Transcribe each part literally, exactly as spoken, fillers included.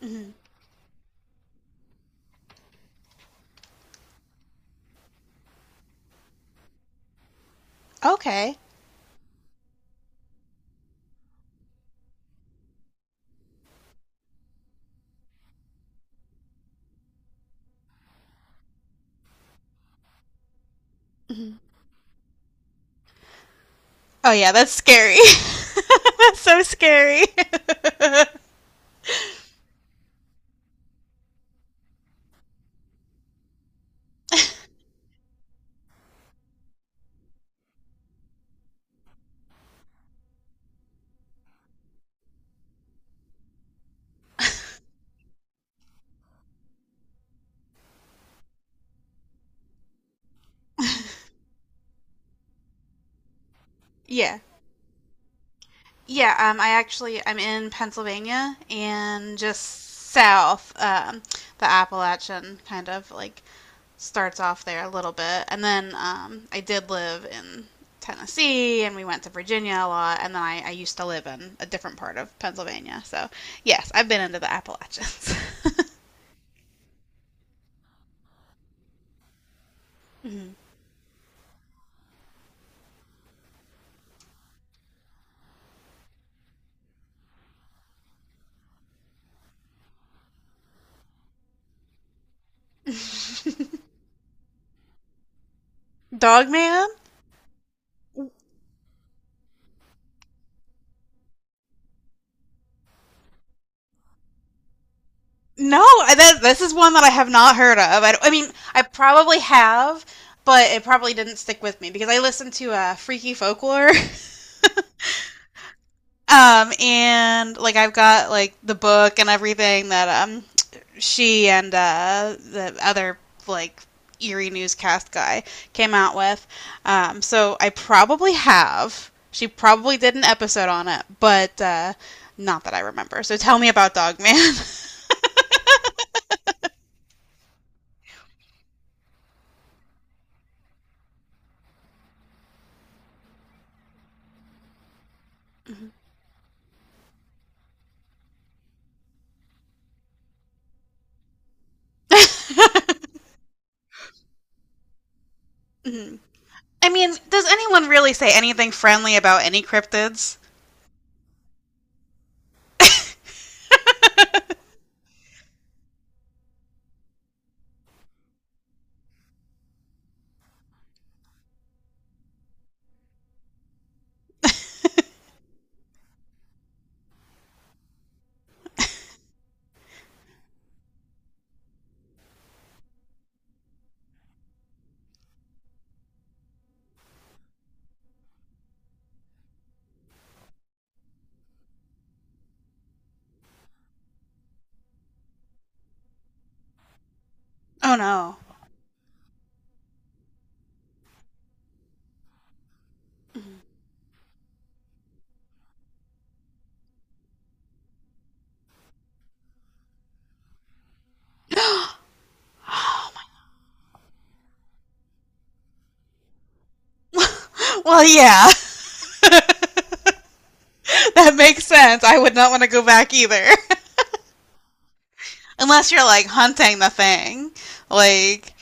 Hmm. Okay. Hmm. Oh yeah, that's scary. That's so scary. Yeah. Yeah, um, I actually I'm in Pennsylvania and just south, um, the Appalachian kind of like starts off there a little bit, and then um, I did live in Tennessee, and we went to Virginia a lot, and then I, I used to live in a different part of Pennsylvania. So yes, I've been into the Appalachians. Mhm. Dog man? No, that, this is one that I have not heard of. I, I mean, I probably have, but it probably didn't stick with me because I listened to uh, Freaky Folklore, um, and like I've got like the book and everything that um she and uh, the other like eerie newscast guy came out with. Um, so I probably have. She probably did an episode on it, but uh, not that I remember. So tell me about Dogman. Mhm. I mean, does anyone really say anything friendly about any cryptids? Oh no. Well, yeah, that makes sense. I would not want to go back either. Unless you're like hunting the thing. Like,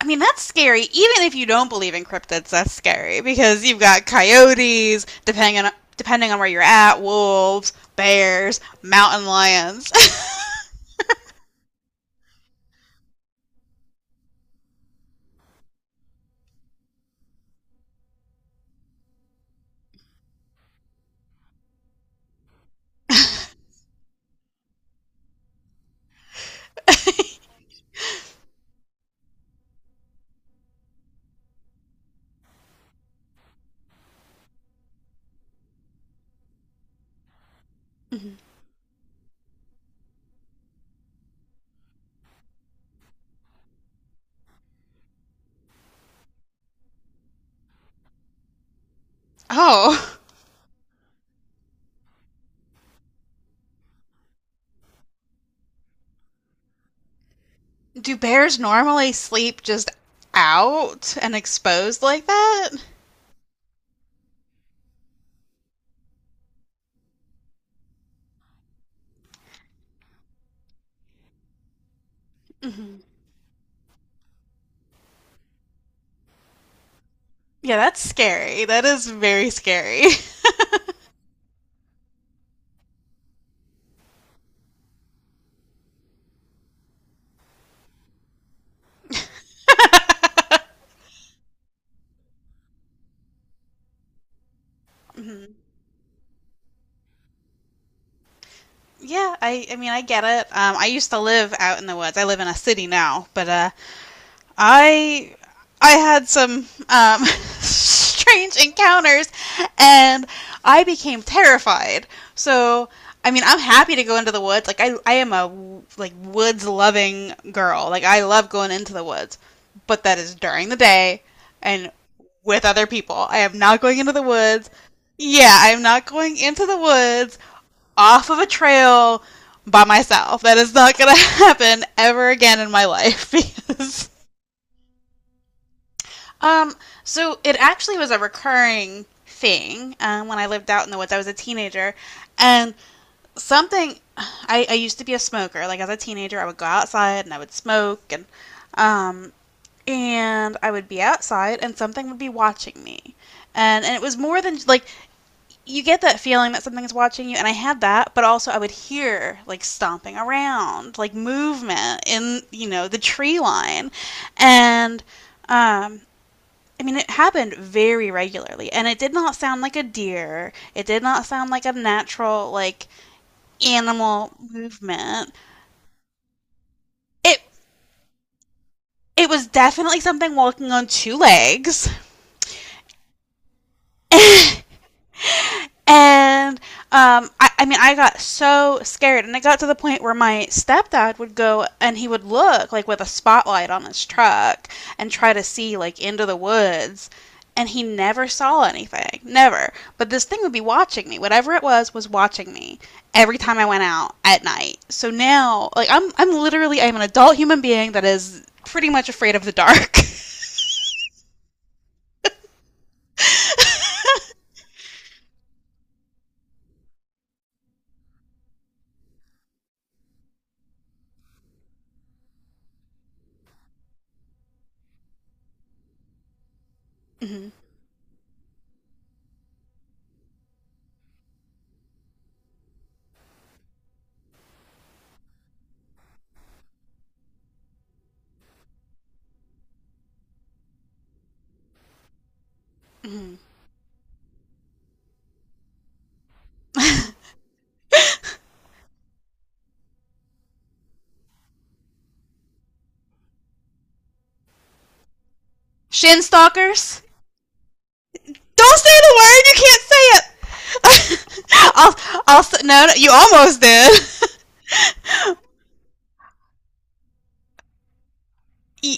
I mean, that's scary. Even if you don't believe in cryptids, that's scary because you've got coyotes, depending on depending on where you're at, wolves, bears, mountain lions. Oh, do bears normally sleep just out and exposed like that? Mm-hmm. Yeah, that's scary. That is very scary. Mhm. Yeah, I I mean I get it. Um, I used to live out in the woods. I live in a city now, but uh, I I had some um, strange encounters, and I became terrified. So I mean, I'm happy to go into the woods. Like I I am a like woods loving girl. Like I love going into the woods, but that is during the day and with other people. I am not going into the woods. Yeah, I am not going into the woods off of a trail by myself. That is not going to happen ever again in my life because um, so it actually was a recurring thing um, when I lived out in the woods. I was a teenager, and something I, I used to be a smoker. Like as a teenager, I would go outside and I would smoke, and um, and I would be outside, and something would be watching me, and and it was more than like you get that feeling that something's watching you, and I had that, but also I would hear like stomping around, like movement in you know the tree line, and um I mean, it happened very regularly, and it did not sound like a deer. It did not sound like a natural, like animal movement. It it was definitely something walking on two legs. And um, I, I mean, I got so scared, and it got to the point where my stepdad would go and he would look like with a spotlight on his truck and try to see like into the woods, and he never saw anything, never. But this thing would be watching me. Whatever it was was watching me every time I went out at night. So now, like, I'm I'm literally I'm an adult human being that is pretty much afraid of the dark. Hmm. Hmm. Shin stalkers. Don't say the word. You can't say it. I'll. I'll. No, no. You almost did. I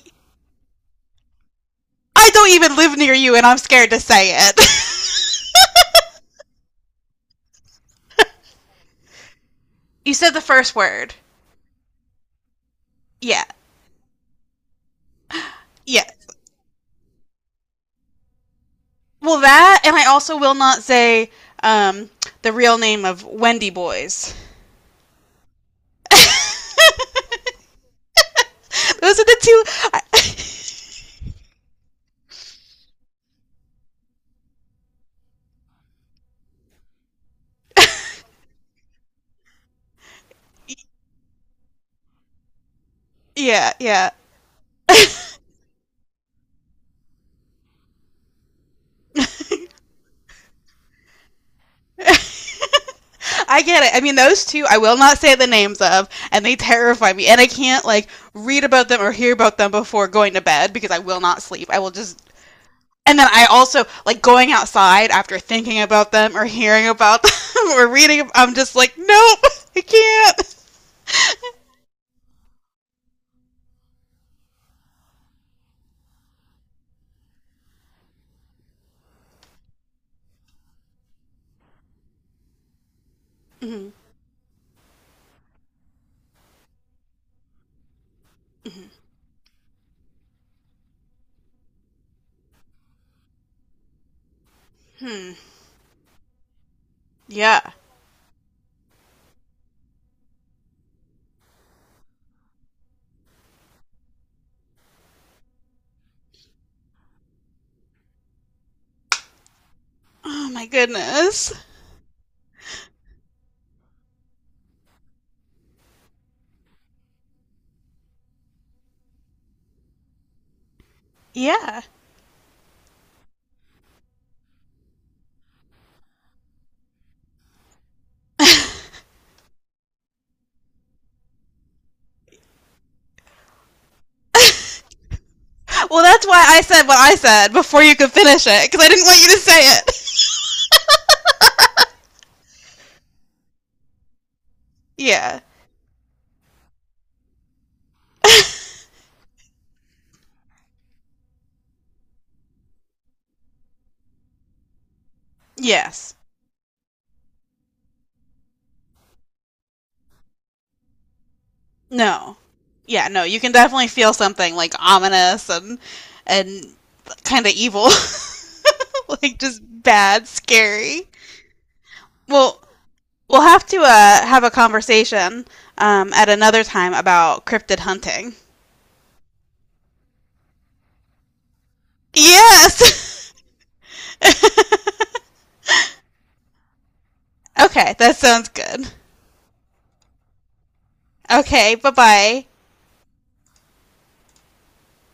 I don't even live near you, and I'm scared to say it. You said the first word. Yeah. Yeah. Well, that, and I also will not say um, the real name of Wendy Boys. Those are the two. I- yeah. Yeah. I get it. I mean, those two I will not say the names of, and they terrify me. And I can't like read about them or hear about them before going to bed because I will not sleep. I will just. And then I also like going outside after thinking about them or hearing about them or reading. I'm just like, nope, I can't. Mhm, mhm, hmm. Yeah. Oh my goodness. Yeah. Well, that's why I said what I said before you could finish it because I didn't want you to say it. Yeah. Yes. No. Yeah. No. You can definitely feel something like ominous and and kind of evil, like just bad, scary. Well, we'll have to uh, have a conversation um, at another time about cryptid hunting. Yes! Okay, that sounds good. Okay, bye bye.